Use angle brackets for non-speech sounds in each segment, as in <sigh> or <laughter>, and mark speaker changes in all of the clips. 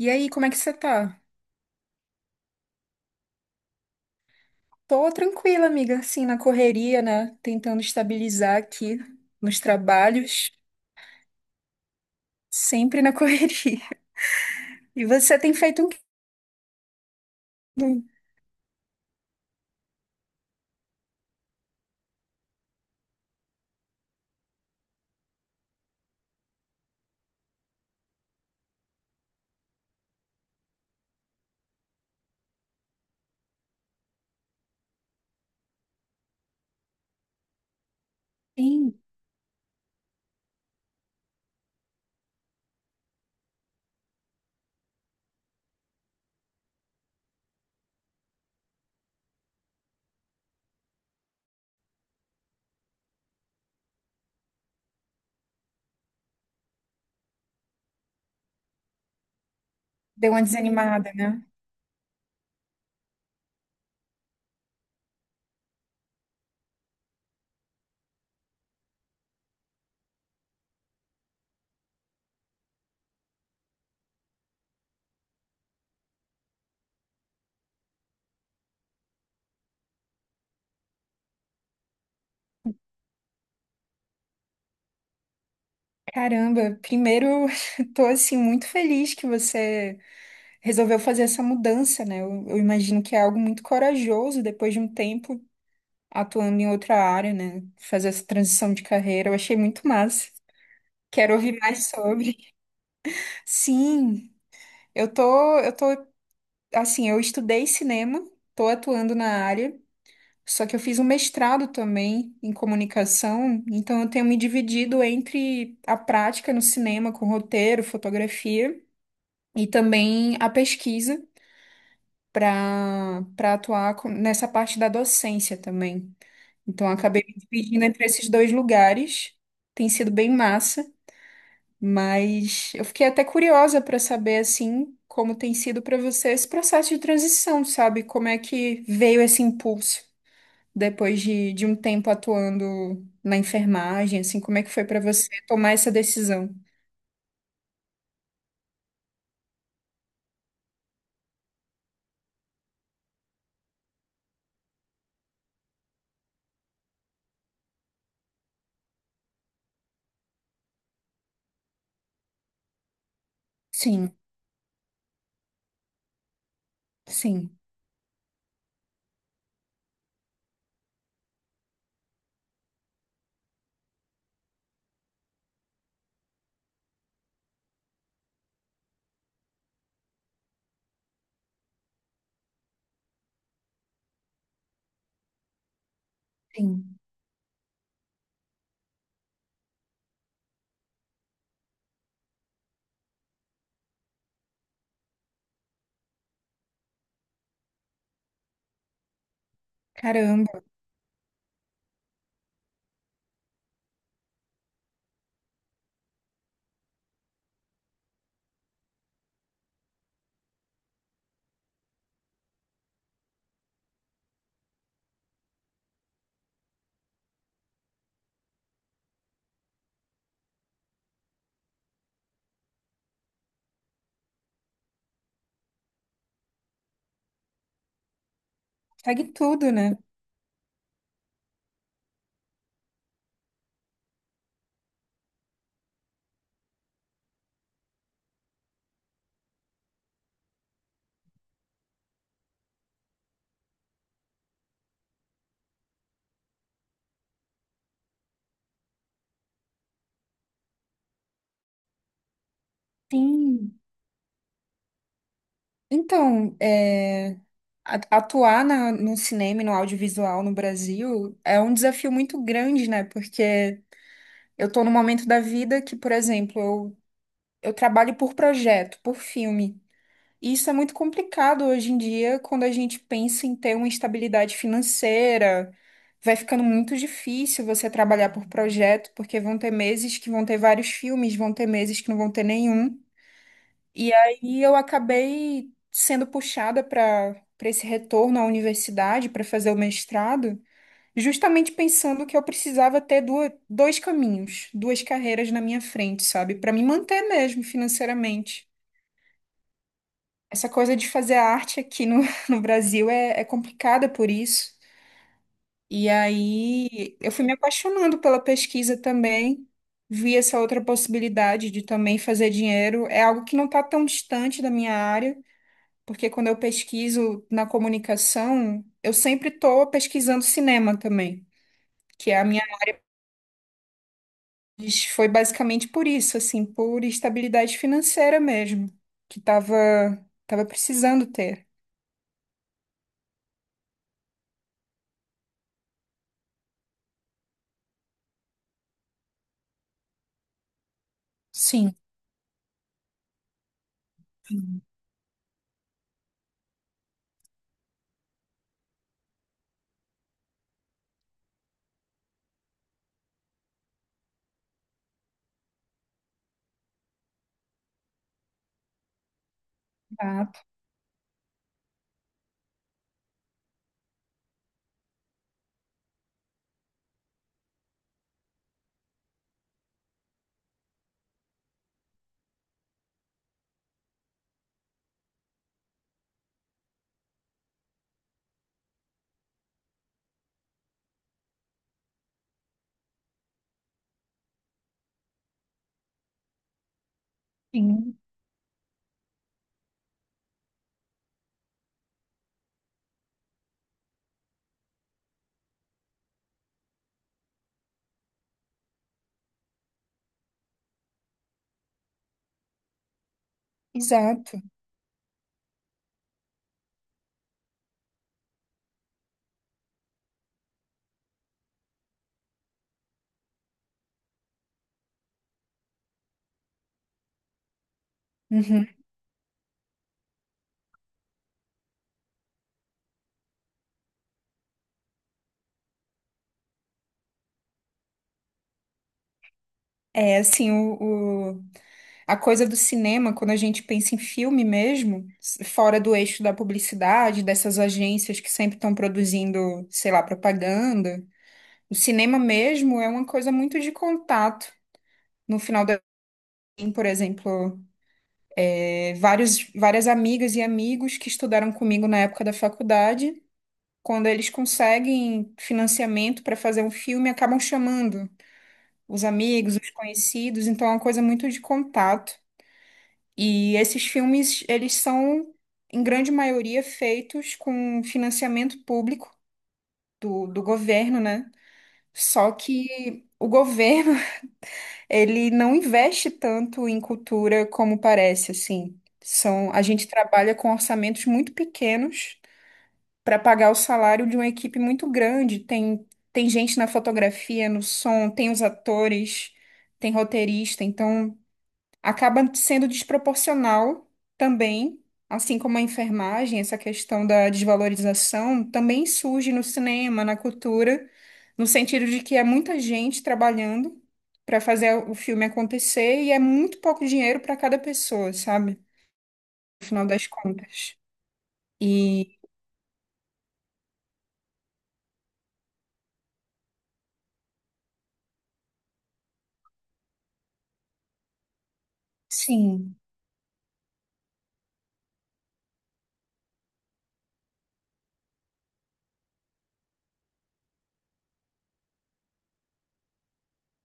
Speaker 1: E aí, como é que você tá? Tô tranquila, amiga, assim, na correria, né? Tentando estabilizar aqui nos trabalhos, sempre na correria. <laughs> E você tem feito um... quê? Sim, deu uma desanimada, né? Caramba, primeiro, <laughs> tô, assim, muito feliz que você resolveu fazer essa mudança, né? Eu imagino que é algo muito corajoso depois de um tempo atuando em outra área, né? Fazer essa transição de carreira, eu achei muito massa. Quero ouvir mais sobre. Sim. Eu tô, assim, eu estudei cinema, tô atuando na área, só que eu fiz um mestrado também em comunicação, então eu tenho me dividido entre a prática no cinema com roteiro, fotografia e também a pesquisa para nessa parte da docência também. Então eu acabei me dividindo entre esses dois lugares, tem sido bem massa. Mas eu fiquei até curiosa para saber assim como tem sido para você esse processo de transição, sabe? Como é que veio esse impulso depois de um tempo atuando na enfermagem, assim, como é que foi para você tomar essa decisão? Sim, sim, sim. Caramba, segue tudo, né? Sim. Então, é, atuar no cinema e no audiovisual no Brasil é um desafio muito grande, né? Porque eu tô num momento da vida que, por exemplo, eu trabalho por projeto, por filme. E isso é muito complicado hoje em dia, quando a gente pensa em ter uma estabilidade financeira. Vai ficando muito difícil você trabalhar por projeto, porque vão ter meses que vão ter vários filmes, vão ter meses que não vão ter nenhum. E aí eu acabei sendo puxada para esse retorno à universidade, para fazer o mestrado, justamente pensando que eu precisava ter duas, dois caminhos, duas carreiras na minha frente, sabe? Para me manter mesmo financeiramente. Essa coisa de fazer arte aqui no, <laughs> no Brasil é, é complicada por isso. E aí eu fui me apaixonando pela pesquisa também, vi essa outra possibilidade de também fazer dinheiro. É algo que não está tão distante da minha área, porque quando eu pesquiso na comunicação, eu sempre estou pesquisando cinema também, que é a minha foi basicamente por isso, assim, por estabilidade financeira mesmo, que estava tava tava precisando ter. Sim. Ah, sim. Exato. Uhum. É assim, a coisa do cinema, quando a gente pensa em filme mesmo, fora do eixo da publicidade, dessas agências que sempre estão produzindo, sei lá, propaganda, o cinema mesmo é uma coisa muito de contato. No final da, por exemplo, vários, várias amigas e amigos que estudaram comigo na época da faculdade, quando eles conseguem financiamento para fazer um filme, acabam chamando os amigos, os conhecidos, então é uma coisa muito de contato. E esses filmes, eles são, em grande maioria, feitos com financiamento público do governo, né? Só que o governo, <laughs> ele não investe tanto em cultura como parece, assim. A gente trabalha com orçamentos muito pequenos para pagar o salário de uma equipe muito grande. Tem gente na fotografia, no som, tem os atores, tem roteirista, então acaba sendo desproporcional também, assim como a enfermagem, essa questão da desvalorização também surge no cinema, na cultura, no sentido de que é muita gente trabalhando para fazer o filme acontecer e é muito pouco dinheiro para cada pessoa, sabe? No final das contas. E sim,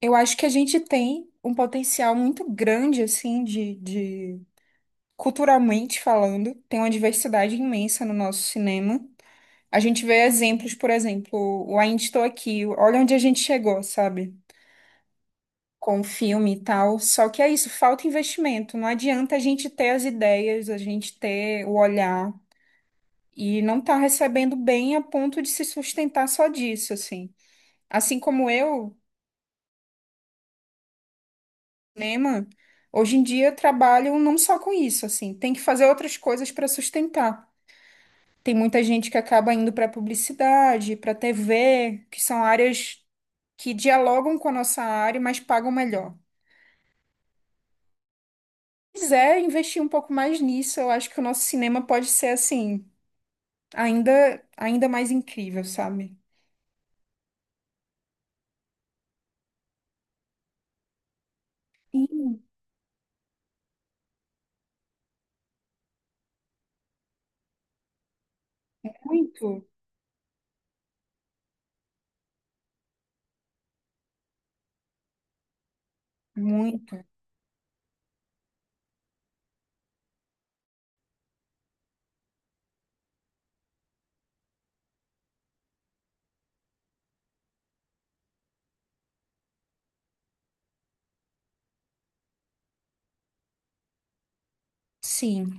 Speaker 1: eu acho que a gente tem um potencial muito grande, assim, de culturalmente falando, tem uma diversidade imensa no nosso cinema. A gente vê exemplos, por exemplo, o Ainda Estou Aqui, olha onde a gente chegou, sabe? Com o filme e tal. Só que é isso, falta investimento. Não adianta a gente ter as ideias, a gente ter o olhar e não tá recebendo bem a ponto de se sustentar só disso, assim. Assim como eu, cinema, hoje em dia trabalho não só com isso, assim, tem que fazer outras coisas para sustentar. Tem muita gente que acaba indo para publicidade, para TV, que são áreas que dialogam com a nossa área, mas pagam melhor. Se quiser investir um pouco mais nisso, eu acho que o nosso cinema pode ser assim, ainda, ainda mais incrível, sabe? Sim, muito, muito. Sim,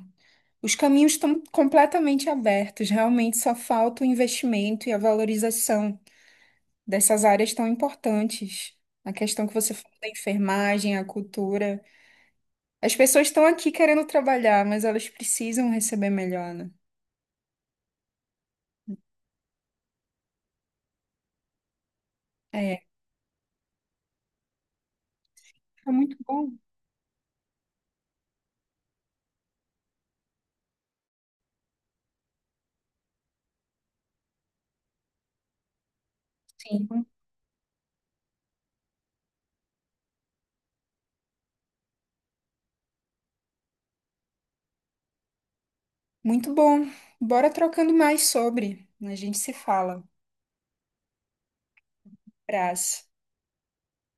Speaker 1: os caminhos estão completamente abertos, realmente só falta o investimento e a valorização dessas áreas tão importantes. A questão que você falou da enfermagem, a cultura. As pessoas estão aqui querendo trabalhar, mas elas precisam receber melhor, né? É, foi muito bom. Sim. Muito bom. Bora trocando mais sobre. A gente se fala. Abraço.